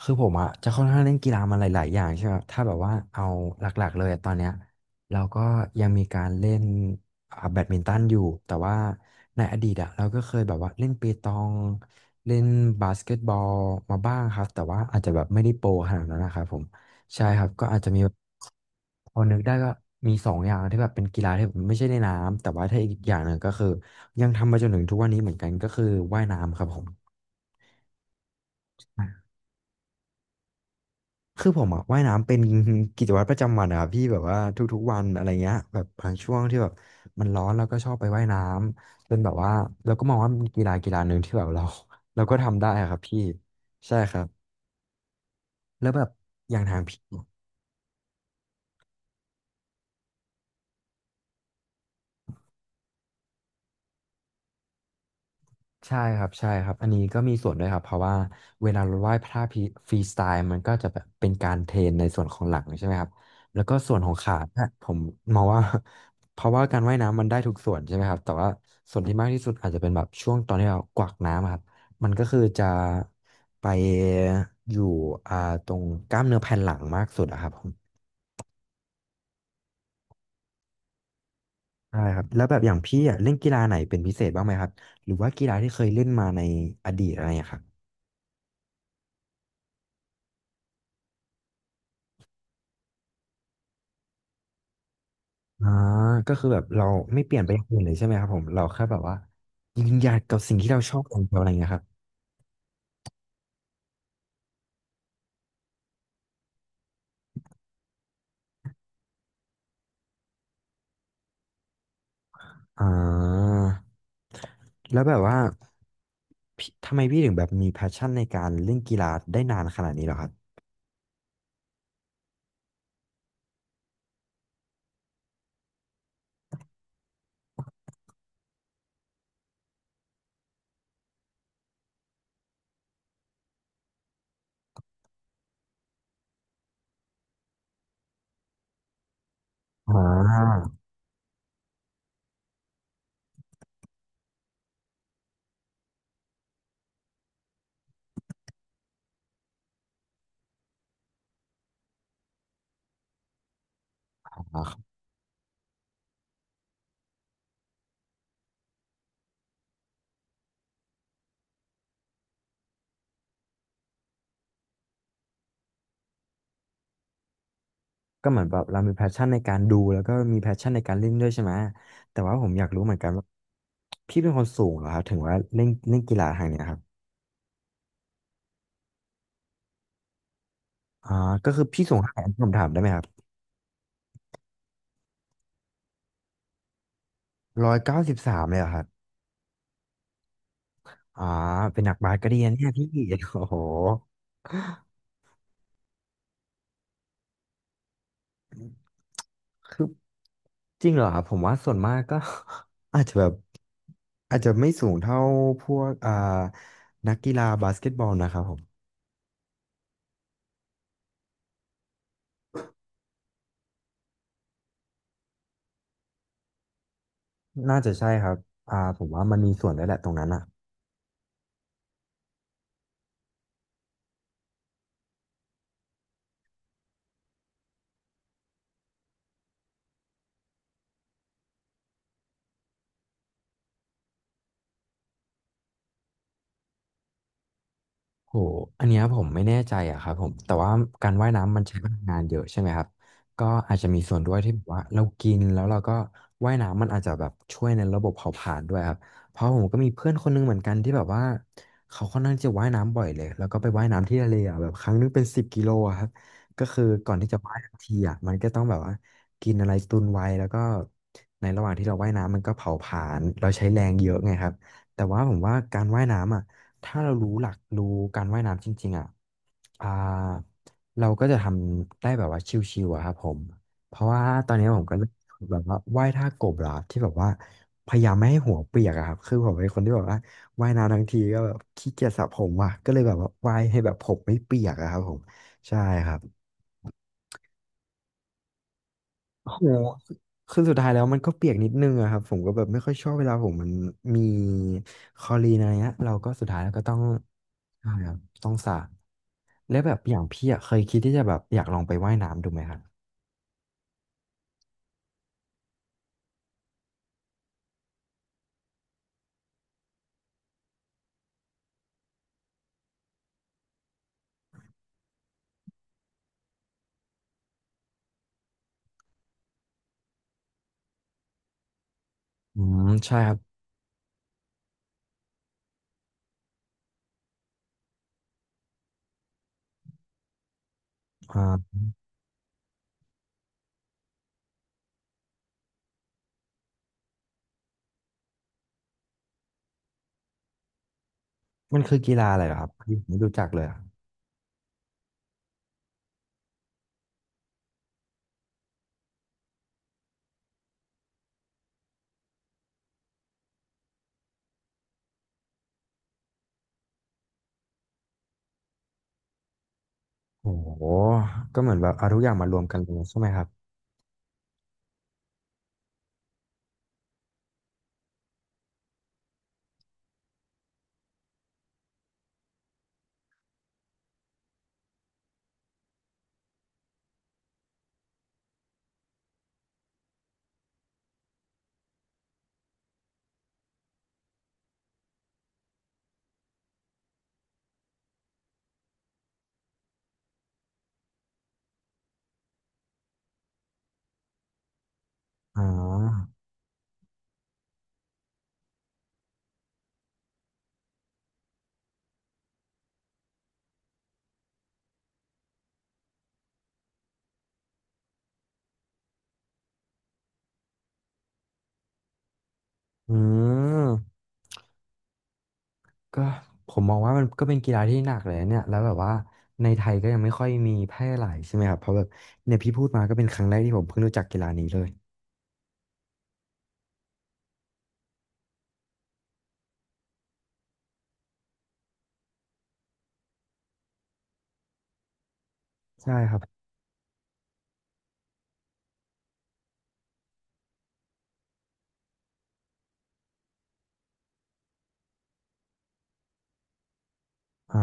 คือผมอะจะค่อนข้างเล่นกีฬามาหลายๆอย่างใช่ไหมครับถ้าแบบว่าเอาหลักๆ เลยอะตอนเนี้ยเราก็ยังมีการเล่นแบดมินตันอยู่แต่ว่าในอดีตอะเราก็เคยแบบว่าเล่นเปตองเล่นบาสเกตบอลมาบ้างครับแต่ว่าอาจจะแบบไม่ได้โปรขนาดนั้นนะครับผมใช่ครับก็อาจจะมีแบบพอนึกได้ก็มีสองอย่างที่แบบเป็นกีฬาที่แบบไม่ใช่ในน้ำแต่ว่าถ้าอีกอย่างหนึ่งก็คือยังทำมาจนถึงทุกวันนี้เหมือนกันก็คือว่ายน้ำครับผม คือผมอะว่ายน้ำเป็น กิจวัตรประจำวันอะครับพี่แบบว่าทุกๆวันอะไรเงี้ยแบบบางช่วงที่แบบมันร้อนเราก็ชอบไปว่ายน้ำจนแบบว่าเราก็มองว่ามันกีฬากีฬาหนึ่งที่แบบเรา เราก็ทำได้อะครับพี่ใช่ครับแล้วแบบอย่างทางพี่ ใช่ครับใช่ครับอันนี้ก็มีส่วนด้วยครับเพราะว่าเวลาเราไหว้พระพีฟรีสไตล์มันก็จะแบบเป็นการเทรนในส่วนของหลังใช่ไหมครับแล้วก็ส่วนของขาเนี่ยผมมองว่า เพราะว่าการว่ายน้ำมันได้ทุกส่วนใช่ไหมครับแต่ว่าส่วนที่มากที่สุดอาจจะเป็นแบบช่วงตอนที่เรากวักน้ำอะครับมันก็คือจะไปอยู่อ่าตรงกล้ามเนื้อแผ่นหลังมากสุดอะครับผมใช่ครับแล้วแบบอย่างพี่อะเล่นกีฬาไหนเป็นพิเศษบ้างไหมครับหรือว่ากีฬาที่เคยเล่นมาในอดีตอะไรอย่างเงี้ยครับ อ่าก็คือแบบเราไม่เปลี่ยนไปอย่างอื่นเลยใช่ไหมครับผมเราแค่แบบว่ายืนหยัดกับสิ่งที่เราชอบอย่างเดียวอะไรเงี้ยครับอ่าแล้วแบบว่าพี่ทำไมพี่ถึงแบบมีแพชชั่นในการเล่นกีฬาได้นานขนาดนี้เหรอครับอ่าก็เหมือนแบบเรามีแพชชั่นในการดูแล้วก็มีแพชชั่นในการเล่นด้วยใช่ไหมแต่ว่าผมอยากรู้เหมือนกันว่าพี่เป็นคนสูงเหรอครับถึงว่าเล่นเล่นกีฬาทางเนี้ยครับอ่าก็คือพี่สูงเท่าไหร่นผมถามได้ไหมครับ193เลยเหรอครับ อ๋อเป็นนักบาสก็ดีนะเนี่ยพี่ โอ้โหคือจริงเหรอครับผมว่าส่วนมากก็ อาจจะแบบอาจจะไม่สูงเท่าพวกนักกีฬาบาสเกตบอลนะครับผมน่าจะใช่ครับอ่าผมว่ามันมีส่วนด้วยแหละตรงนั้นอ่ะ โหอันเนี้ยผมไม่แน่ใจอะครับผมแต่ว่าการว่ายน้ำมันใช้พลังงานเยอะใช่ไหมครับ ก็อาจจะมีส่วนด้วยที่แบบว่าเรากินแล้วเราก็ว่ายน้ำมันอาจจะแบบช่วยในระบบเผาผลาญด้วยครับเพราะผมก็มีเพื่อนคนนึงเหมือนกันที่แบบว่าเขาค่อนข้างจะว่ายน้ำบ่อยเลยแล้วก็ไปว่ายน้ำที่ทะเลอะแบบครั้งนึงเป็น10 กิโลอะครับก็คือก่อนที่จะว่ายทีอะมันก็ต้องแบบว่ากินอะไรตุนไว้แล้วก็ในระหว่างที่เราว่ายน้ำมันก็เผาผลาญเราใช้แรงเยอะไงครับ แต่ว่าผมว่าการว่ายน้ำอ่ะ ถ้าเรารู้หลักรู้การว่ายน้ำจริงๆอ่ะอ่าเราก็จะทำได้แบบว่าชิวๆอะครับผม เพราะว่าตอนนี้ผมก็เริ่มฝึกแบบว่าว่ายท่ากบแล้วครับที่แบบว่าพยายามไม่ให้หัวเปียกอะครับ คือผมเป็นคนที่แบบว่าว่ายน้ำทั้งทีก็แบบขี้เกียจสระผมว่ะก็เลยแบบว่าว่ายให้แบบผมไม่เปียกอะครับผมใช่ครับโอ้โหคือสุดท้ายแล้วมันก็เปียกนิดนึงอะครับผมก็แบบไม่ค่อยชอบเวลาผมมันมีคลอรีนอะไรเงี้ยเราก็สุดท้ายแล้วก็ต้องใช่ครับต้องสระ แล้วแบบอย่างพี่อะเคยคิดที่จะแบบอยากลองไปว่ายน้ำดูไหมครับอืมใช่ครับอ่ามันคือกีฬาอะไรเหรอครับพี่ผมไม่รู้จักเลยอะโอ้โหก็เหมือนแบบเอาทุกอย่างมารวมกันเลยใช่ไหมครับอ๋ออืมก็ผมมองว่ามันก็เป็นกีฬาที่หนักเลยนะเนี่ยแล้วแบบว่าในไทยก็ยังไม่ค่อยมีแพร่หลายใช่ไหมครับเพราะแบบเนี่ยพี่พูดมาก็เป็นครั้งแรกที่ผมเพิ่งรู้จักกีฬานี้เลยใช่ครับอ๋อ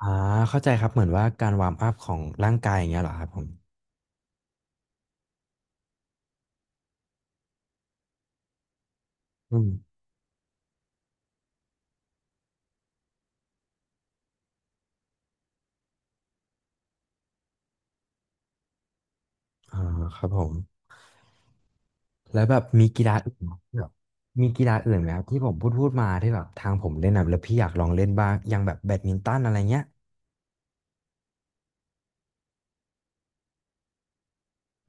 อ่าเข้าใจครับเหมือนว่าการวาร์มอัพของร่างกายอย่างเงี้ยเหรอครับผมอืมอ่าครับผม แล้วแบบมีกีฬาอื่นที่แบบมีกีฬาอื่นไหมครับที่ผมพูดมาที่แบบทางผมเล่นนะแล้วพี่อยากลองเล่นบ้างอย่างแบบแบดมินตันอะไรเงี้ย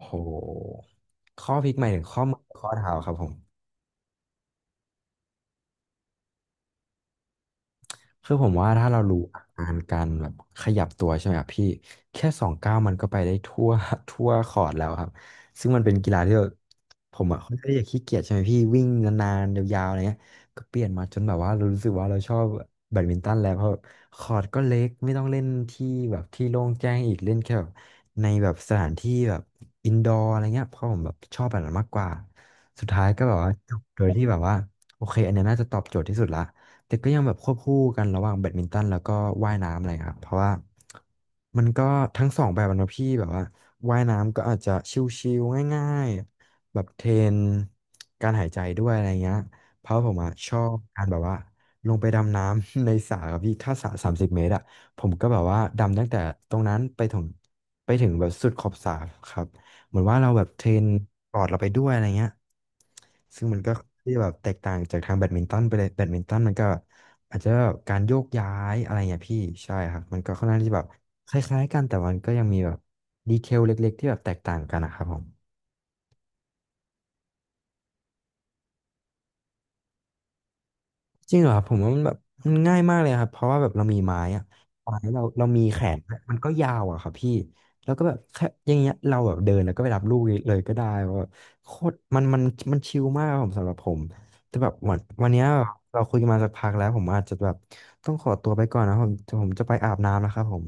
โหข้อพลิกหมายถึงข้อมือข้อเท้าครับผม คือผมว่าถ้าเรารู้อาการการแบบขยับตัวใช่ไหมครับพี่แค่สองก้าวมันก็ไปได้ทั่ว ทั่วคอร์ตแล้วครับซึ่งมันเป็นกีฬาที่แบบผมอะค่อนข้างที่จะขี้เกียจใช่ไหมพี่วิ่งนานๆยาวๆอะไรเงี้ยก็เปลี่ยนมาจนแบบว่าเรารู้สึกว่าเราชอบแบดมินตันแล้วเพราะแบบคอร์ตก็เล็กไม่ต้องเล่นที่แบบที่โล่งแจ้งอีกเล่นแค่แบบในแบบสถานที่แบบอินดอร์อะไรเงี้ยเพราะผมแบบชอบแบบนั้นมากกว่าสุดท้ายก็แบบว่าจบโดยที่แบบว่าโอเคอันเนี้ยน่าจะตอบโจทย์ที่สุดละ แต่ก็ยังแบบควบคู่กันระหว่างแบดมินตันแล้วก็ว่ายน้ำอะไรครับเพราะว่ามันก็ทั้งสองแบบอะเนอะพี่แบบว่าว่ายน้ำก็อาจจะชิวๆง่ายๆแบบเทรนการหายใจด้วยอะไรเงี้ยเพราะผมอะชอบการแบบว่าลงไปดำน้ำ ในสระครับพี่ถ้าสระ30 เมตรอะผมก็แบบว่าดำตั้งแต่ตรงนั้นไปถึงไปถึงแบบสุดขอบสระครับ เหมือนว่าเราแบบเทรนปอดเราไปด้วยอะไรเงี้ยซึ่งมันก็ที่แบบแตกต่างจากทางแบดมินตันไปเลยแบดมินตันมันก็อาจจะแบบการโยกย้ายอะไรเงี้ยพี่ใช่ครับมันก็ค่อนข้างที่แบบคล้ายๆกันแต่มันก็ยังมีแบบดีเทลเล็กๆที่แบบแตกต่างกันนะครับผม จริงเหรอครับผมว่ามันแบบมันง่ายมากเลยครับเพราะว่าแบบเรามีไม้อะไม้เรามีแขนมันก็ยาวอะครับพี่แล้วก็แบบแค่อย่างเงี้ยเราแบบเดินแล้วก็ไปรับลูกเลยก็ได้ว่าโคตรมันมันชิลมากครับผมสำหรับผมแต่แบบวันเนี้ยเราคุยกันมาสักพักแล้วผมอาจจะแบบต้องขอตัวไปก่อนนะครับผมผมจะไปอาบน้ำแล้วครับผม